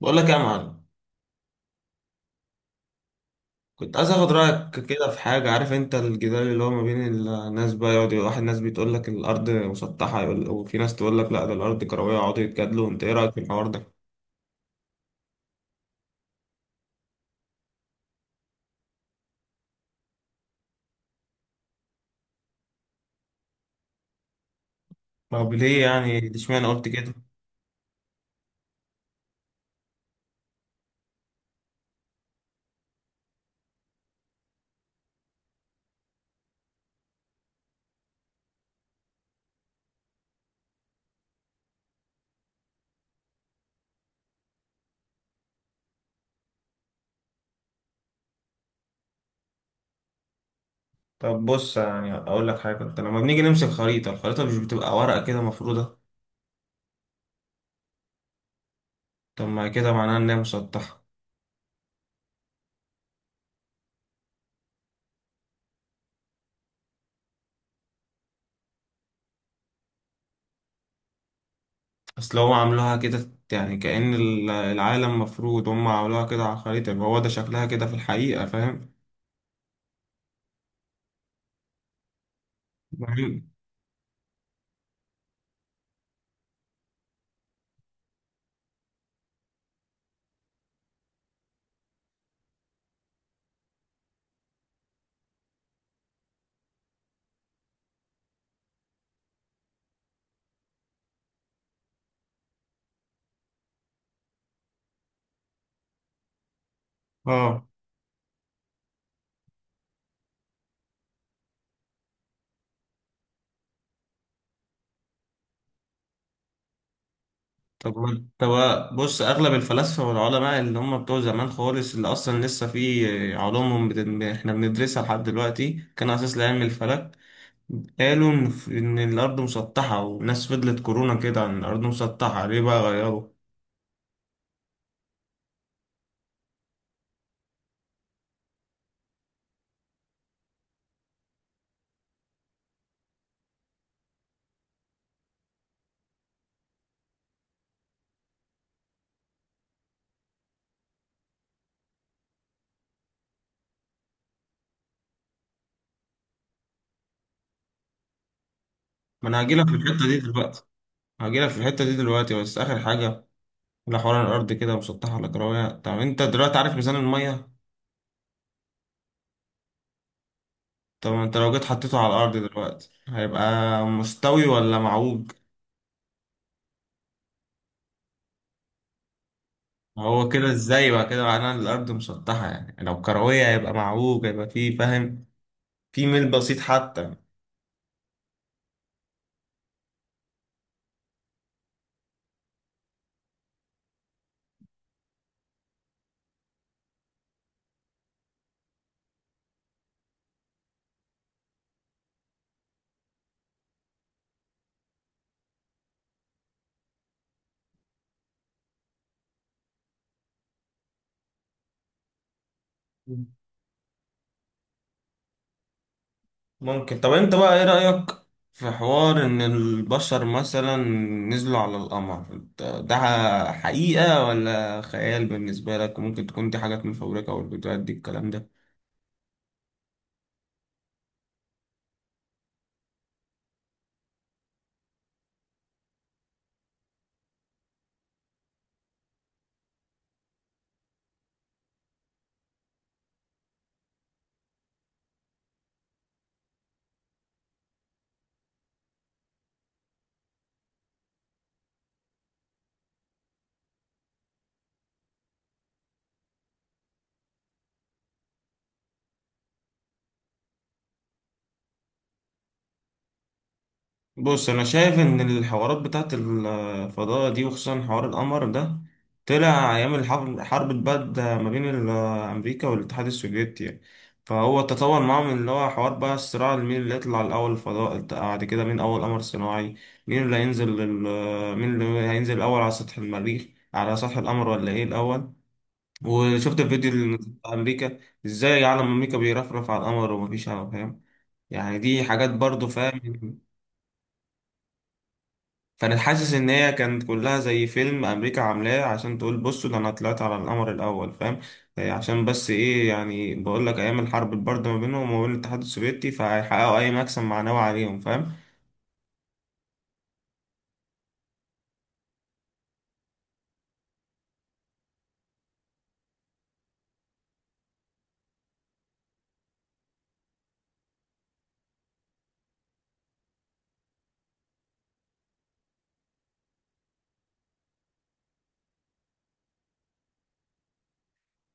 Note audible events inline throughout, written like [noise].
بقول لك يا معلم. كنت عايز اخد رايك كده في حاجه. عارف انت الجدال اللي هو ما بين الناس بقى، يقعد واحد ناس بتقول لك الارض مسطحه يقول، وفي ناس تقول لك لا ده الارض كرويه، يقعدوا يتجادلوا، انت ايه رايك في الحوار ده؟ طب ليه يعني اشمعنى قلت كده؟ طب بص، يعني اقول لك حاجه، انت لما بنيجي نمسك خريطه، الخريطه مش بتبقى ورقه كده مفروده؟ طب ما كده معناها ان هي مسطحه. اصل هم عاملوها كده، يعني كأن العالم مفروض، هم عملوها كده على الخريطه، يبقى هو ده شكلها كده في الحقيقه، فاهم. مهم. اه. طب ما- طب بص، اغلب الفلاسفه والعلماء اللي هم بتوع زمان خالص، اللي اصلا لسه في علومهم احنا بندرسها لحد دلوقتي، كان اساس لعلم الفلك. قالوا ان إن الارض مسطحه، والناس فضلت كورونا كده عن الارض مسطحه، ليه بقى غيروا؟ ما انا هجيلك في الحته دي دلوقتي. هجيلك في الحته دي دلوقتي بس اخر حاجه، لحوار الارض كده مسطحه ولا كرويه. طب انت دلوقتي عارف ميزان الميه، طب انت لو جيت حطيته على الارض دلوقتي هيبقى مستوي ولا معوج؟ هو كده ازاي بقى، كده معناها إن الارض مسطحه، يعني لو كرويه هيبقى معوج، هيبقى فيه، فاهم؟ في ميل بسيط حتى. ممكن. طب انت بقى ايه رايك في حوار ان البشر مثلا نزلوا على القمر؟ انت ده حقيقه ولا خيال بالنسبه لك؟ وممكن تكون دي حاجات مفبركه، والفيديوهات دي الكلام ده. بص، انا شايف ان الحوارات بتاعت الفضاء دي، وخصوصا حوار القمر ده، طلع ايام الحرب، حرب البرد ما بين امريكا والاتحاد السوفيتي يعني. فهو تطور معاهم، اللي هو حوار بقى الصراع مين اللي يطلع الاول الفضاء، بعد كده مين اول قمر صناعي، مين اللي هينزل الاول على سطح المريخ، على سطح القمر، ولا ايه الاول. وشفت الفيديو اللي نزل بتاع امريكا، ازاي علم امريكا بيرفرف على القمر ومفيش علم، فاهم؟ يعني دي حاجات برضو، فاهم. كانت حاسس ان هي كانت كلها زي فيلم امريكا عاملاه، عشان تقول بصوا ده انا طلعت على القمر الاول، فاهم؟ عشان بس ايه، يعني بقول لك ايام الحرب البارده ما بينهم وما بين الاتحاد السوفيتي، فهيحققوا اي مكسب معنوي عليهم، فاهم؟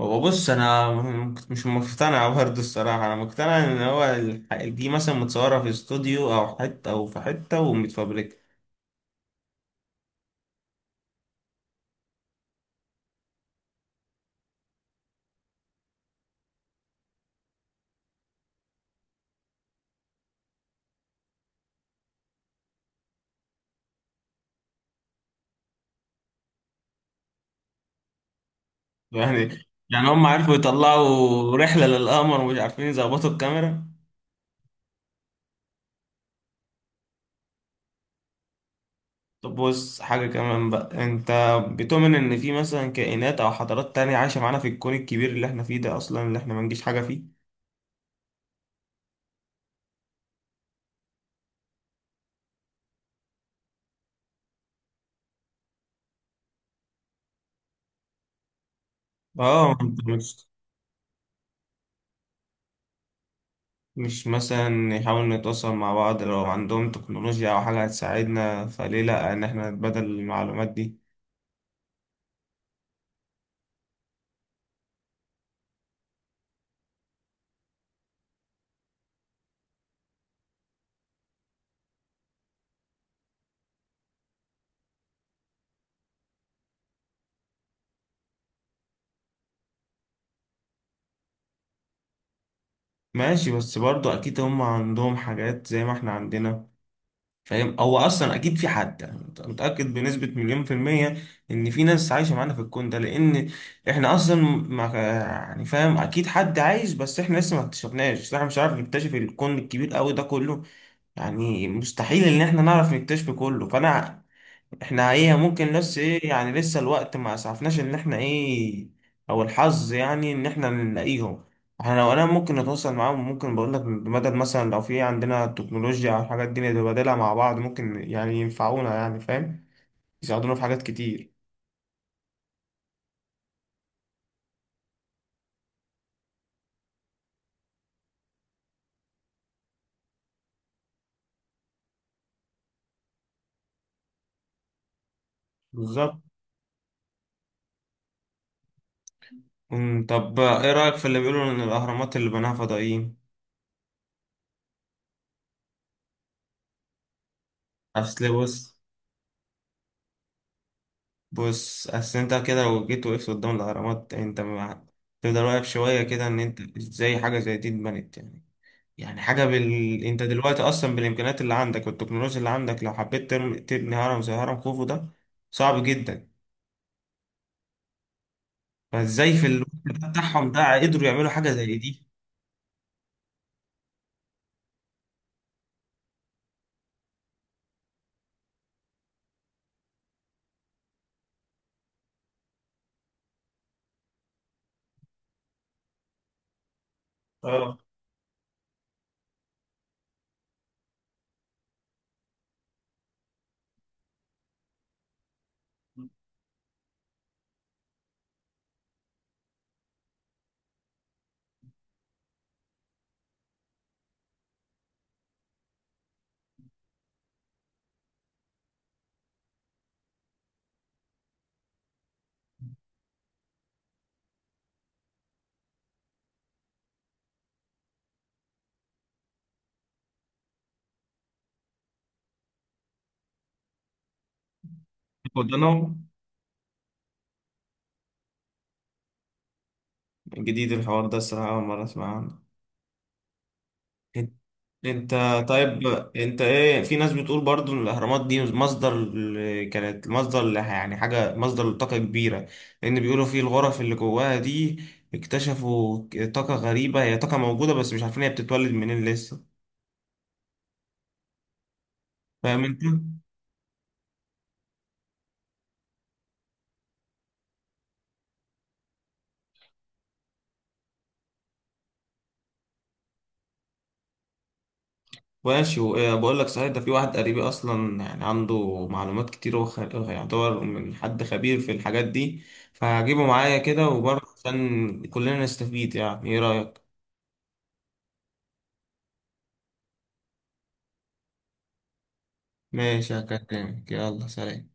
هو بص، انا مش مقتنع [laughs] برضه الصراحه، انا مقتنع ان هو دي مثلا متصوره في استوديو او حته، او في حته ومتفبركه. يعني هم عرفوا يطلعوا رحله للقمر ومش عارفين يظبطوا الكاميرا؟ طب بص، حاجة كمان بقى. انت بتؤمن ان في مثلا كائنات او حضارات تانية عايشة معانا في الكون الكبير اللي احنا فيه ده اصلا، اللي احنا ما نجيش حاجة فيه؟ اه. انت مش، مثلا نحاول نتواصل مع بعض، لو عندهم تكنولوجيا او حاجة هتساعدنا، فليه لا ان احنا نتبادل المعلومات دي؟ ماشي، بس برضو اكيد هم عندهم حاجات زي ما احنا عندنا، فاهم. هو اصلا اكيد في حد، يعني أنت متاكد بنسبه مليون في الميه ان في ناس عايشه معانا في الكون ده؟ لان احنا اصلا ما يعني، فاهم، اكيد حد عايش، بس احنا لسه ما اكتشفناش، احنا مش عارف نكتشف الكون الكبير قوي ده كله، يعني مستحيل ان احنا نعرف نكتشفه كله. فانا احنا ايه، ممكن، بس ايه، يعني لسه الوقت ما اسعفناش ان احنا ايه، او الحظ يعني ان احنا نلاقيهم. احنا لو انا ممكن نتواصل معاهم، ممكن بقول لك بمدد مثلا، لو في عندنا تكنولوجيا او حاجات دي نتبادلها مع بعض، ممكن يعني ينفعونا، يعني فاهم، يساعدونا في حاجات كتير. بالظبط. أمم، طب ايه رأيك في اللي بيقولوا ان الاهرامات اللي بناها فضائيين؟ اصل بص بص اصل انت كده لو جيت وقفت قدام الاهرامات، انت ما- تفضل واقف شوية كده، ان انت ازاي حاجة زي دي اتبنت يعني؟ يعني حاجة انت دلوقتي اصلا بالامكانيات اللي عندك والتكنولوجيا اللي عندك، لو حبيت تبني هرم زي هرم خوفو ده، صعب جدا. فازاي في الوقت ده بتاعهم ده قدروا يعملوا حاجة زي دي؟ اه. قدرنا جديد الحوار ده الصراحة، أول مرة أسمعه. انت انت طيب انت ايه، في ناس بتقول برضو ان الاهرامات دي مصدر يعني حاجه مصدر لطاقه كبيره، لان بيقولوا في الغرف اللي جواها دي اكتشفوا طاقه غريبه، هي طاقه موجوده بس مش عارفين هي بتتولد منين لسه، فاهم انت؟ ماشي. بقول لك صحيح، ده في واحد قريبي اصلا يعني عنده معلومات كتير، يعتبر من حد خبير في الحاجات دي، فهجيبه معايا كده وبرضه عشان كلنا نستفيد، يعني ايه رايك؟ ماشي، هكلمك. يلا سلام.